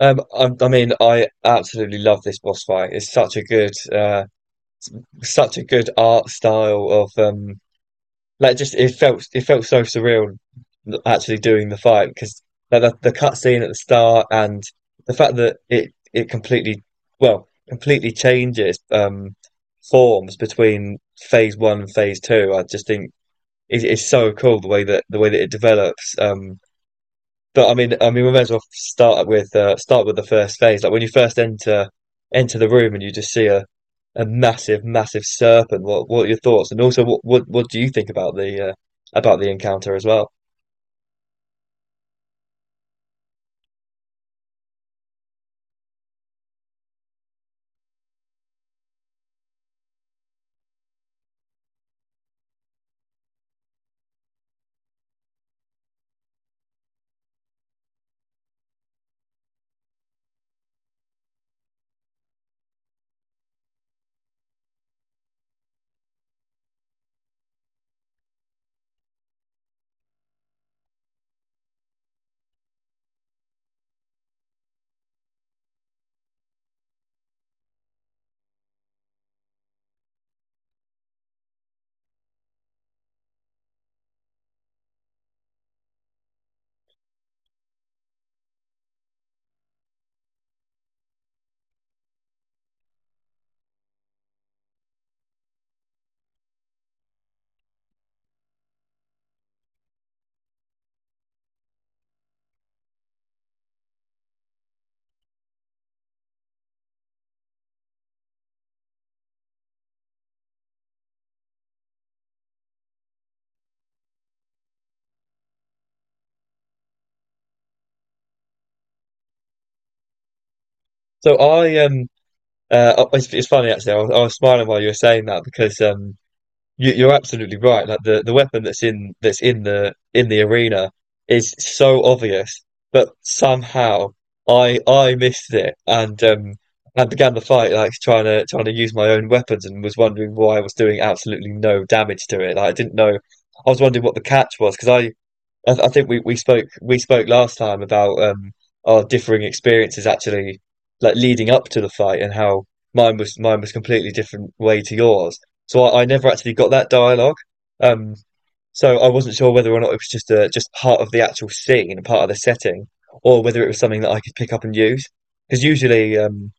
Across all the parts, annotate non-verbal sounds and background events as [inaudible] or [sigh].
I mean, I absolutely love this boss fight. It's such a good art style of like just it felt so surreal actually doing the fight because like the cutscene at the start and the fact that it completely changes forms between phase one and phase two. I just think it's so cool the way that it develops. But I mean, we may as well start with the first phase. Like when you first enter the room and you just see a massive serpent. What are your thoughts? And also, what do you think about the encounter as well? So I it's funny actually. I was smiling while you were saying that because you, you're absolutely right. Like the weapon that's in the arena is so obvious, but somehow I missed it and and began the fight like trying to use my own weapons and was wondering why I was doing absolutely no damage to it. Like, I didn't know. I was wondering what the catch was because I think we spoke last time about our differing experiences actually like leading up to the fight and how mine was completely different way to yours. So I never actually got that dialogue. Um, so I wasn't sure whether or not it was just just part of the actual scene, part of the setting, or whether it was something that I could pick up and use. Because usually,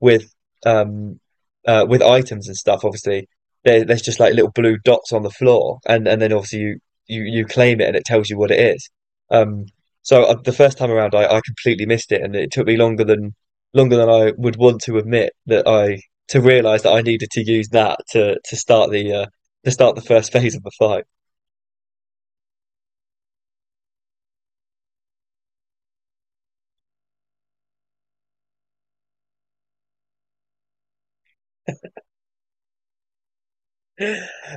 with um with items and stuff, obviously there's just like little blue dots on the floor, and then obviously you you claim it and it tells you what it is. Um, the first time around, I completely missed it, and it took me longer than I would want to admit that I to realize that I needed to use that to start the first [laughs] phase of the fight.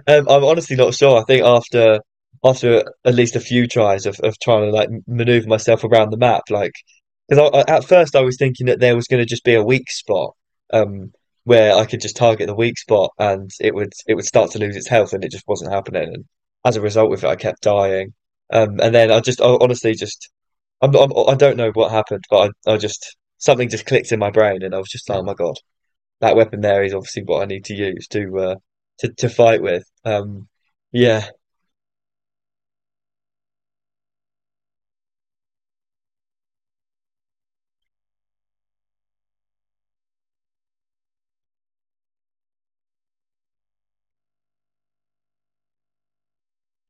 I'm honestly not sure. I think after at least a few tries of trying to like maneuver myself around the map, like because at first I was thinking that there was going to just be a weak spot, um, where I could just target the weak spot and it would start to lose its health, and it just wasn't happening. And as a result of it, I kept dying. And then I just I honestly just I'm I don't know what happened, but I just something just clicked in my brain, and I was just like, oh my God, that weapon there is obviously what I need to use to fight with. Yeah,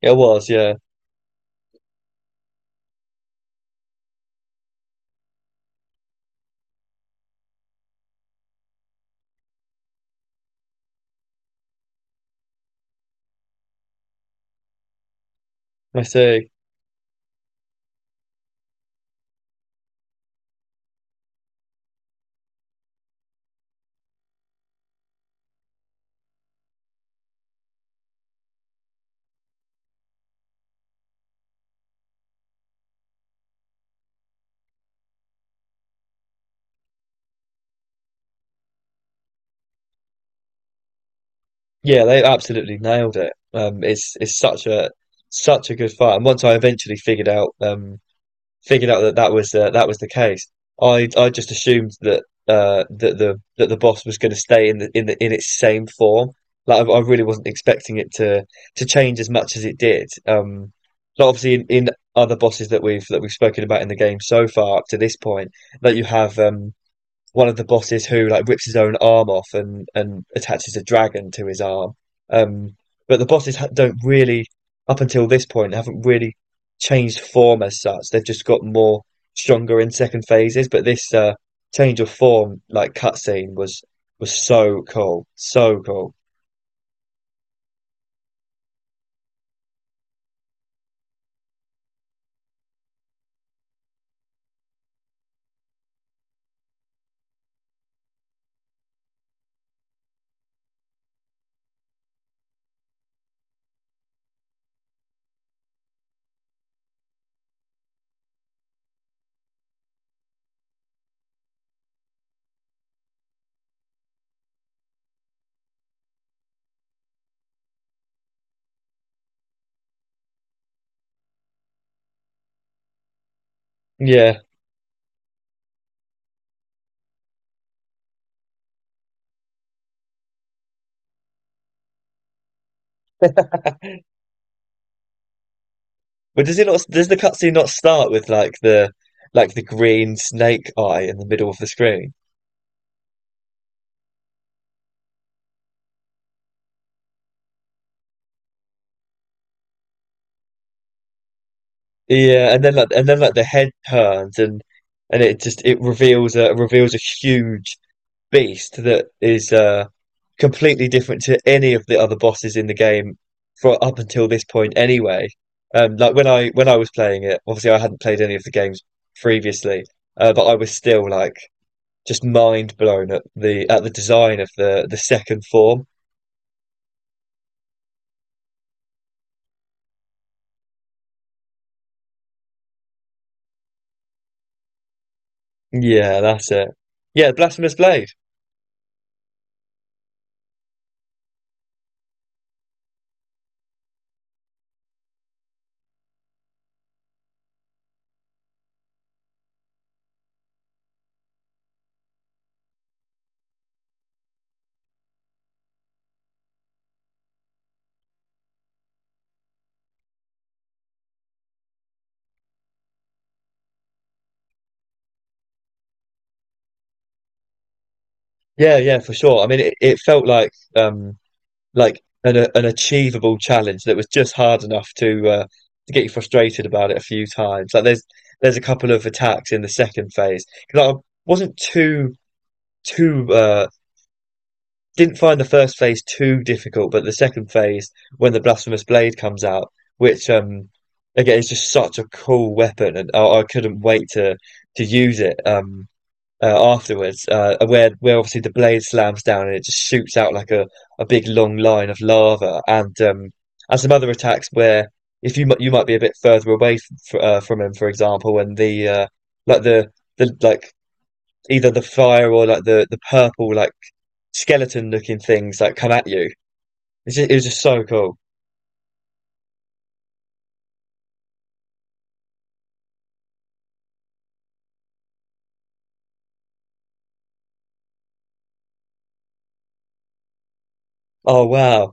it was. Yeah, I see. Yeah, they absolutely nailed it. It's such a such a good fight. And once I eventually figured out, figured out that that was the case. I just assumed that that the boss was going to stay in the in its same form. Like I really wasn't expecting it to change as much as it did. But obviously in other bosses that we've spoken about in the game so far up to this point, that you have one of the bosses who like rips his own arm off and attaches a dragon to his arm. Um, but the bosses don't really, up until this point, haven't really changed form as such. They've just got more stronger in second phases. But this change of form, like cutscene, was so cool, so cool. Yeah, but does it not? Does the cutscene not start with like the green snake eye in the middle of the screen? Yeah, and then the head turns and it reveals a reveals a huge beast that is completely different to any of the other bosses in the game for up until this point anyway. Like when I was playing it, obviously I hadn't played any of the games previously, but I was still like just mind blown at the design of the second form. Yeah, that's it. Yeah, Blasphemous Blade. Yeah, yeah, for sure. I mean it felt like like an achievable challenge that was just hard enough to get you frustrated about it a few times. Like there's a couple of attacks in the second phase because I wasn't too, didn't find the first phase too difficult, but the second phase when the blasphemous blade comes out, which again is just such a cool weapon, and I couldn't wait to use it. Afterwards, where obviously the blade slams down and it just shoots out like a big long line of lava, and some other attacks where if you might be a bit further away from him, for example, and the like the like either the fire or like the purple like skeleton looking things that like, come at you. It's just, it was just so cool. Oh wow,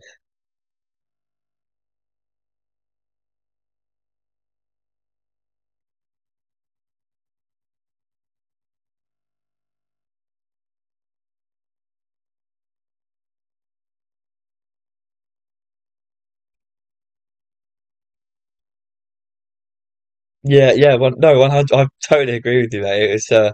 yeah, yeah. One, no, 100. I totally agree with you, mate. It was uh,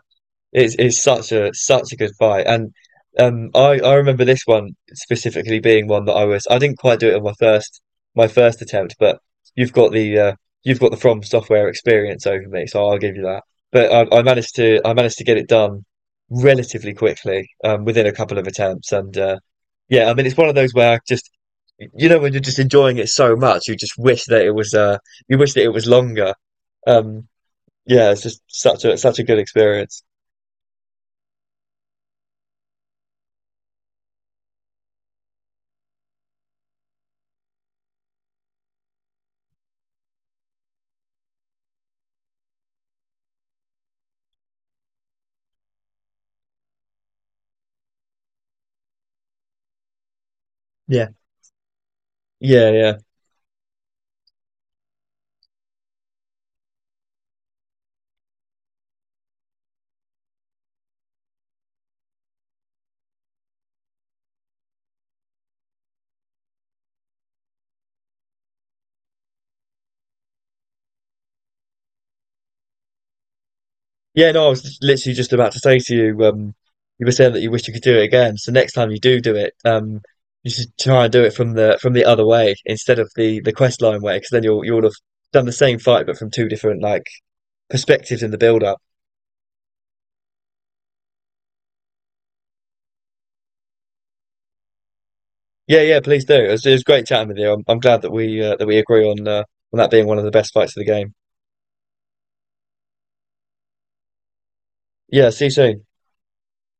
It's it's such a such a good fight, and I remember this one specifically being one that I didn't quite do it on my first attempt, but you've got the uh, you've got the From Software experience over me, so I'll give you that. But I managed to get it done relatively quickly, within a couple of attempts, and yeah, I mean it's one of those where I just you know when you're just enjoying it so much, you just wish that it was you wish that it was longer. Um, yeah, it's just such a such a good experience. Yeah. Yeah, yeah. Yeah, no, I was literally just about to say to you, you were saying that you wish you could do it again. So next time you do do it, you should try and do it from the other way instead of the quest line way, because then you'll have done the same fight but from two different like perspectives in the build up. Yeah, yeah, please do. It was great chatting with you. I'm glad that we agree on that being one of the best fights of the game. Yeah, see you soon.